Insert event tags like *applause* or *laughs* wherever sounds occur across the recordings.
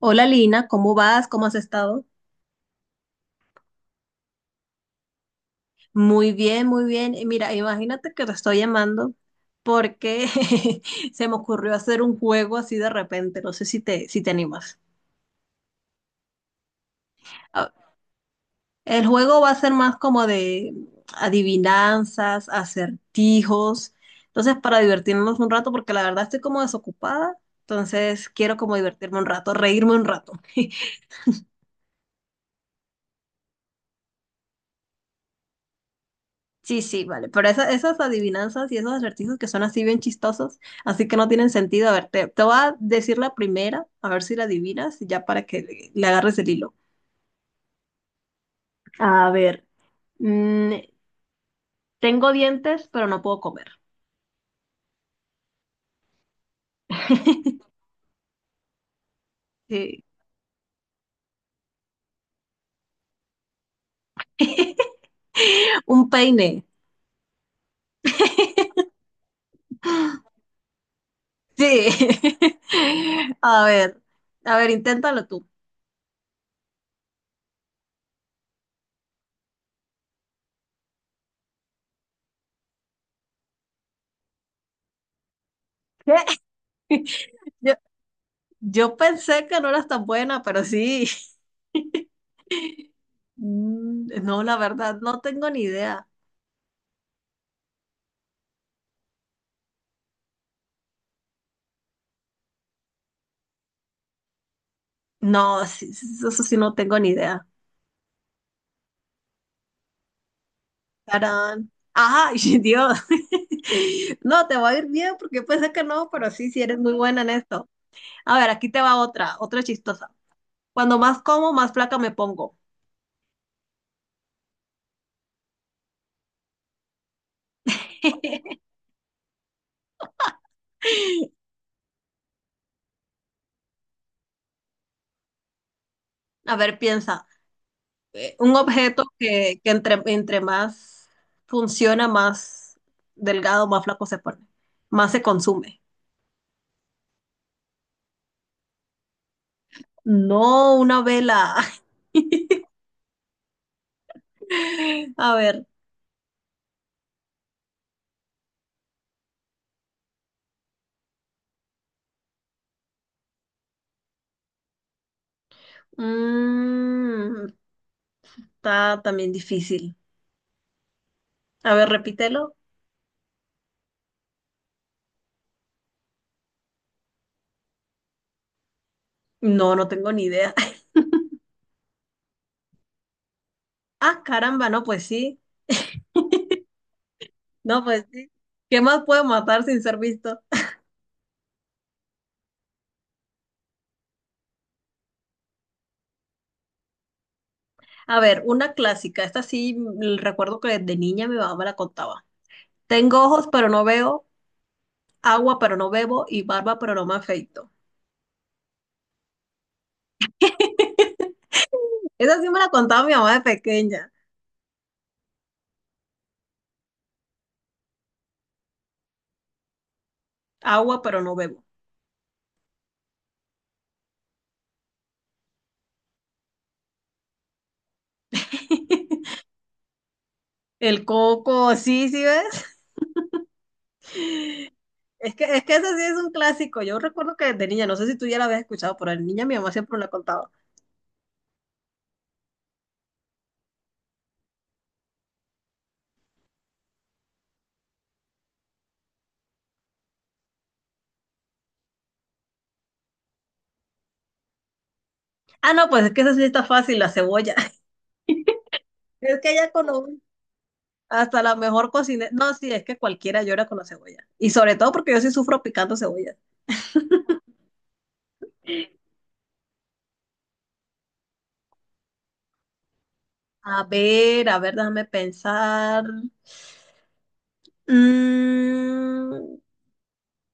Hola Lina, ¿cómo vas? ¿Cómo has estado? Muy bien, muy bien. Y mira, imagínate que te estoy llamando porque *laughs* se me ocurrió hacer un juego así de repente. No sé si te animas. Ah, el juego va a ser más como de adivinanzas, acertijos. Entonces, para divertirnos un rato, porque la verdad estoy como desocupada. Entonces, quiero como divertirme un rato, reírme un rato. *laughs* Sí, sí, vale. Pero esas adivinanzas y esos acertijos que son así bien chistosos, así que no tienen sentido. A ver, te voy a decir la primera, a ver si la adivinas, ya para que le agarres el hilo. A ver, mm, tengo dientes, pero no puedo comer. *laughs* Sí. *laughs* Un peine. *laughs* Sí. *laughs* A ver, a ver, inténtalo tú. *laughs* ¿Qué? Yo, yo pensé que no eras tan buena, pero sí. *laughs* Mm, no, la verdad, no tengo ni idea. No, sí, sí, sí, eso sí no tengo ni idea. Tarán. Ajá, *laughs* y Dios. *laughs* No, te va a ir bien porque pensé que no, pero sí, sí eres muy buena en esto. A ver, aquí te va otra, otra chistosa. Cuando más como, más flaca me pongo. *laughs* A ver, piensa. Un objeto que entre más funciona, más delgado, más flaco se pone, más se consume. No, una vela. *laughs* A ver. mm, Está también difícil. A ver, repítelo. No, no tengo ni idea. *laughs* Ah, caramba, no, pues sí. No, pues sí. ¿Qué más puedo matar sin ser visto? A ver, una clásica. Esta sí recuerdo que de niña mi mamá me la contaba. Tengo ojos, pero no veo, agua, pero no bebo, y barba, pero no me afeito. Esa sí me la contaba mi mamá de pequeña. Agua, pero no bebo. *laughs* El coco, sí, sí, ¿ves? Es que ese sí es un clásico. Yo recuerdo que de niña, no sé si tú ya la habías escuchado, pero de niña mi mamá siempre me la contaba. Ah, no, pues es que esa sí está fácil, la cebolla. *laughs* Es que ya con un- hasta la mejor cocinera. No, sí, es que cualquiera llora con la cebolla. Y sobre todo porque yo sí sufro picando cebolla. A ver, déjame pensar. Mm,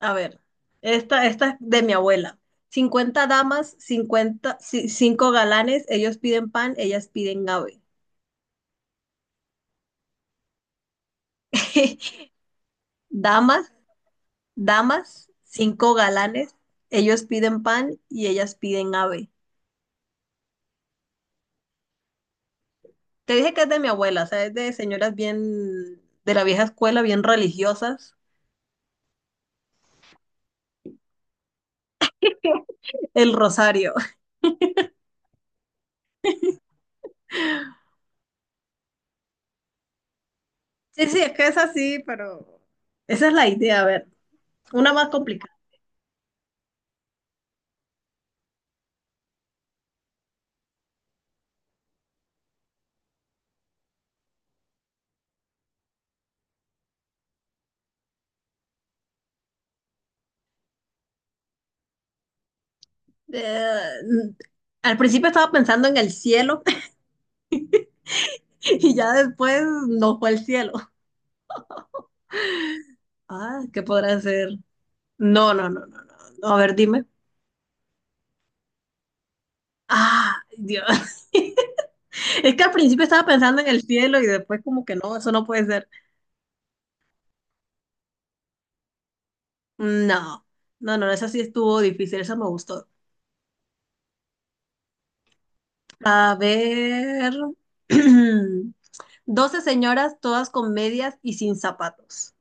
a ver, esta es de mi abuela. 50 damas, 50 5 galanes, ellos piden pan, ellas piden ave. *laughs* Damas, damas, cinco galanes, ellos piden pan y ellas piden ave. Te dije que es de mi abuela, o sea, es de señoras bien de la vieja escuela, bien religiosas. El rosario. *laughs* Sí, sí, es que es así, pero esa es la idea. A ver, una más complicada. Eh, Al principio estaba pensando en el cielo *laughs* y ya después no fue el cielo. Ah, ¿qué podrá ser? No, no, no, no, no. No, a ver, dime. Ah, Dios. *laughs* Es que al principio estaba pensando en el cielo y después como que no, eso no puede ser. No, no, no, esa sí estuvo difícil, esa me gustó. A ver. *clears throat* 12 señoras, todas con medias y sin zapatos.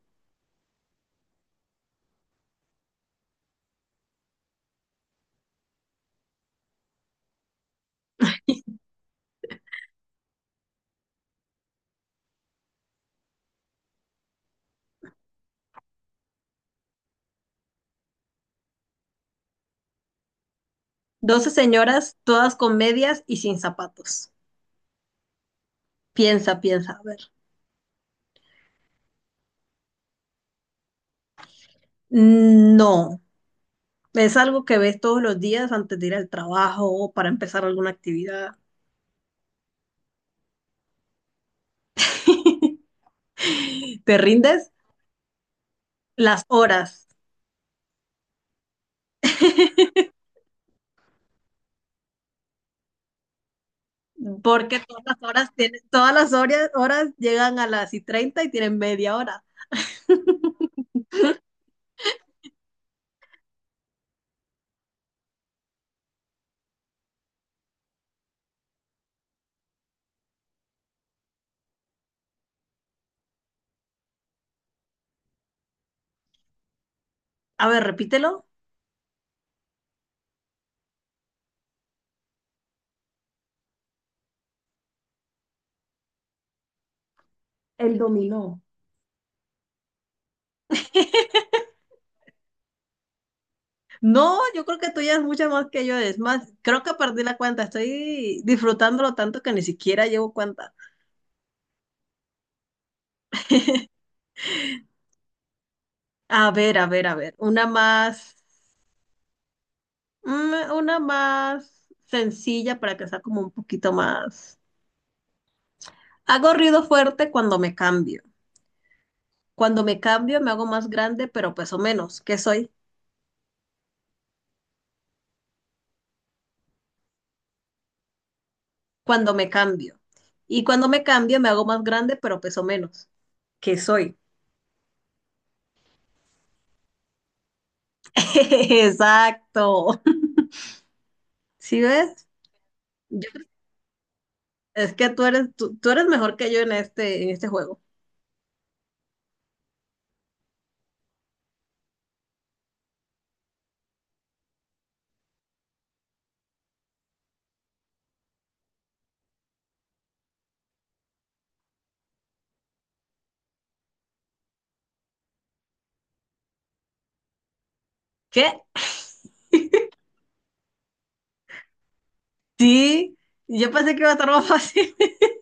12 señoras, todas con medias y sin zapatos. Piensa, piensa, a ver. No, es algo que ves todos los días antes de ir al trabajo o para empezar alguna actividad. *laughs* ¿Te rindes? Las horas. *laughs* Porque todas las horas tienen, todas las horas, horas llegan a las y 30 y tienen media hora. A ver, repítelo. El dominó. *laughs* No, yo creo que tú ya es mucho más que yo. Es más, creo que perdí la cuenta. Estoy disfrutándolo tanto que ni siquiera llevo cuenta. A ver, a ver, a ver. Una más sencilla para que sea como un poquito más. Hago ruido fuerte cuando me cambio. Cuando me cambio me hago más grande, pero peso menos. ¿Qué soy? Cuando me cambio. Y cuando me cambio me hago más grande, pero peso menos. ¿Qué soy? *laughs* Exacto. ¿Sí ves? Es que tú eres mejor que yo en este juego. ¿Qué? Sí, yo pensé que iba a estar más fácil. *laughs*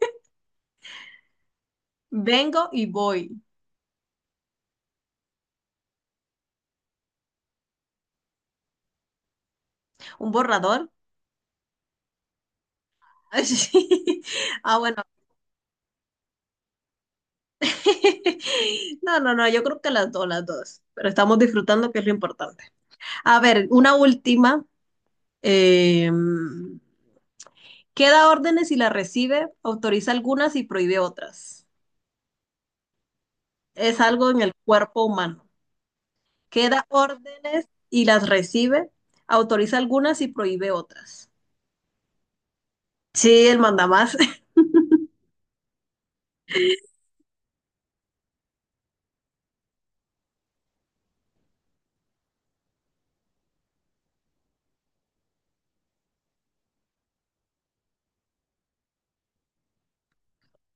Vengo y voy. ¿Un borrador? *laughs* Sí. Ah, bueno. *laughs* No, no, no, yo creo que las dos, las dos. Pero estamos disfrutando, que es lo importante. A ver, una última. Eh, ¿Qué da órdenes y las recibe? Autoriza algunas y prohíbe otras. Es algo en el cuerpo humano. Que da órdenes y las recibe, autoriza algunas y prohíbe otras. Sí, el mandamás. *laughs*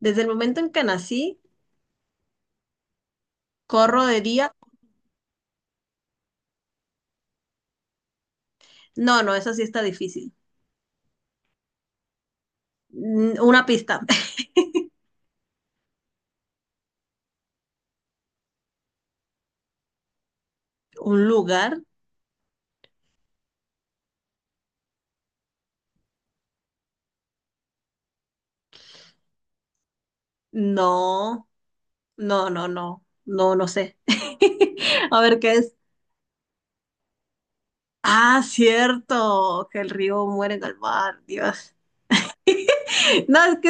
Desde el momento en que nací, corro de día. No, no, eso sí está difícil. Una pista. *laughs* ¿Un lugar? No, no, no, no, no, no sé. *laughs* A ver qué es. Ah, cierto, que el río muere en el mar, Dios. No, es que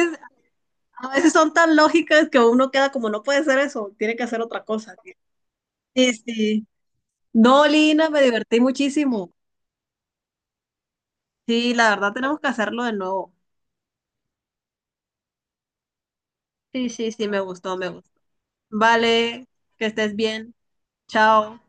a veces son tan lógicas que uno queda como, no puede ser eso, tiene que hacer otra cosa. Sí, sí. No, Lina, me divertí muchísimo. Sí, la verdad tenemos que hacerlo de nuevo. Sí, sí, sí, me gustó, me gustó. Vale, que estés bien. Chao.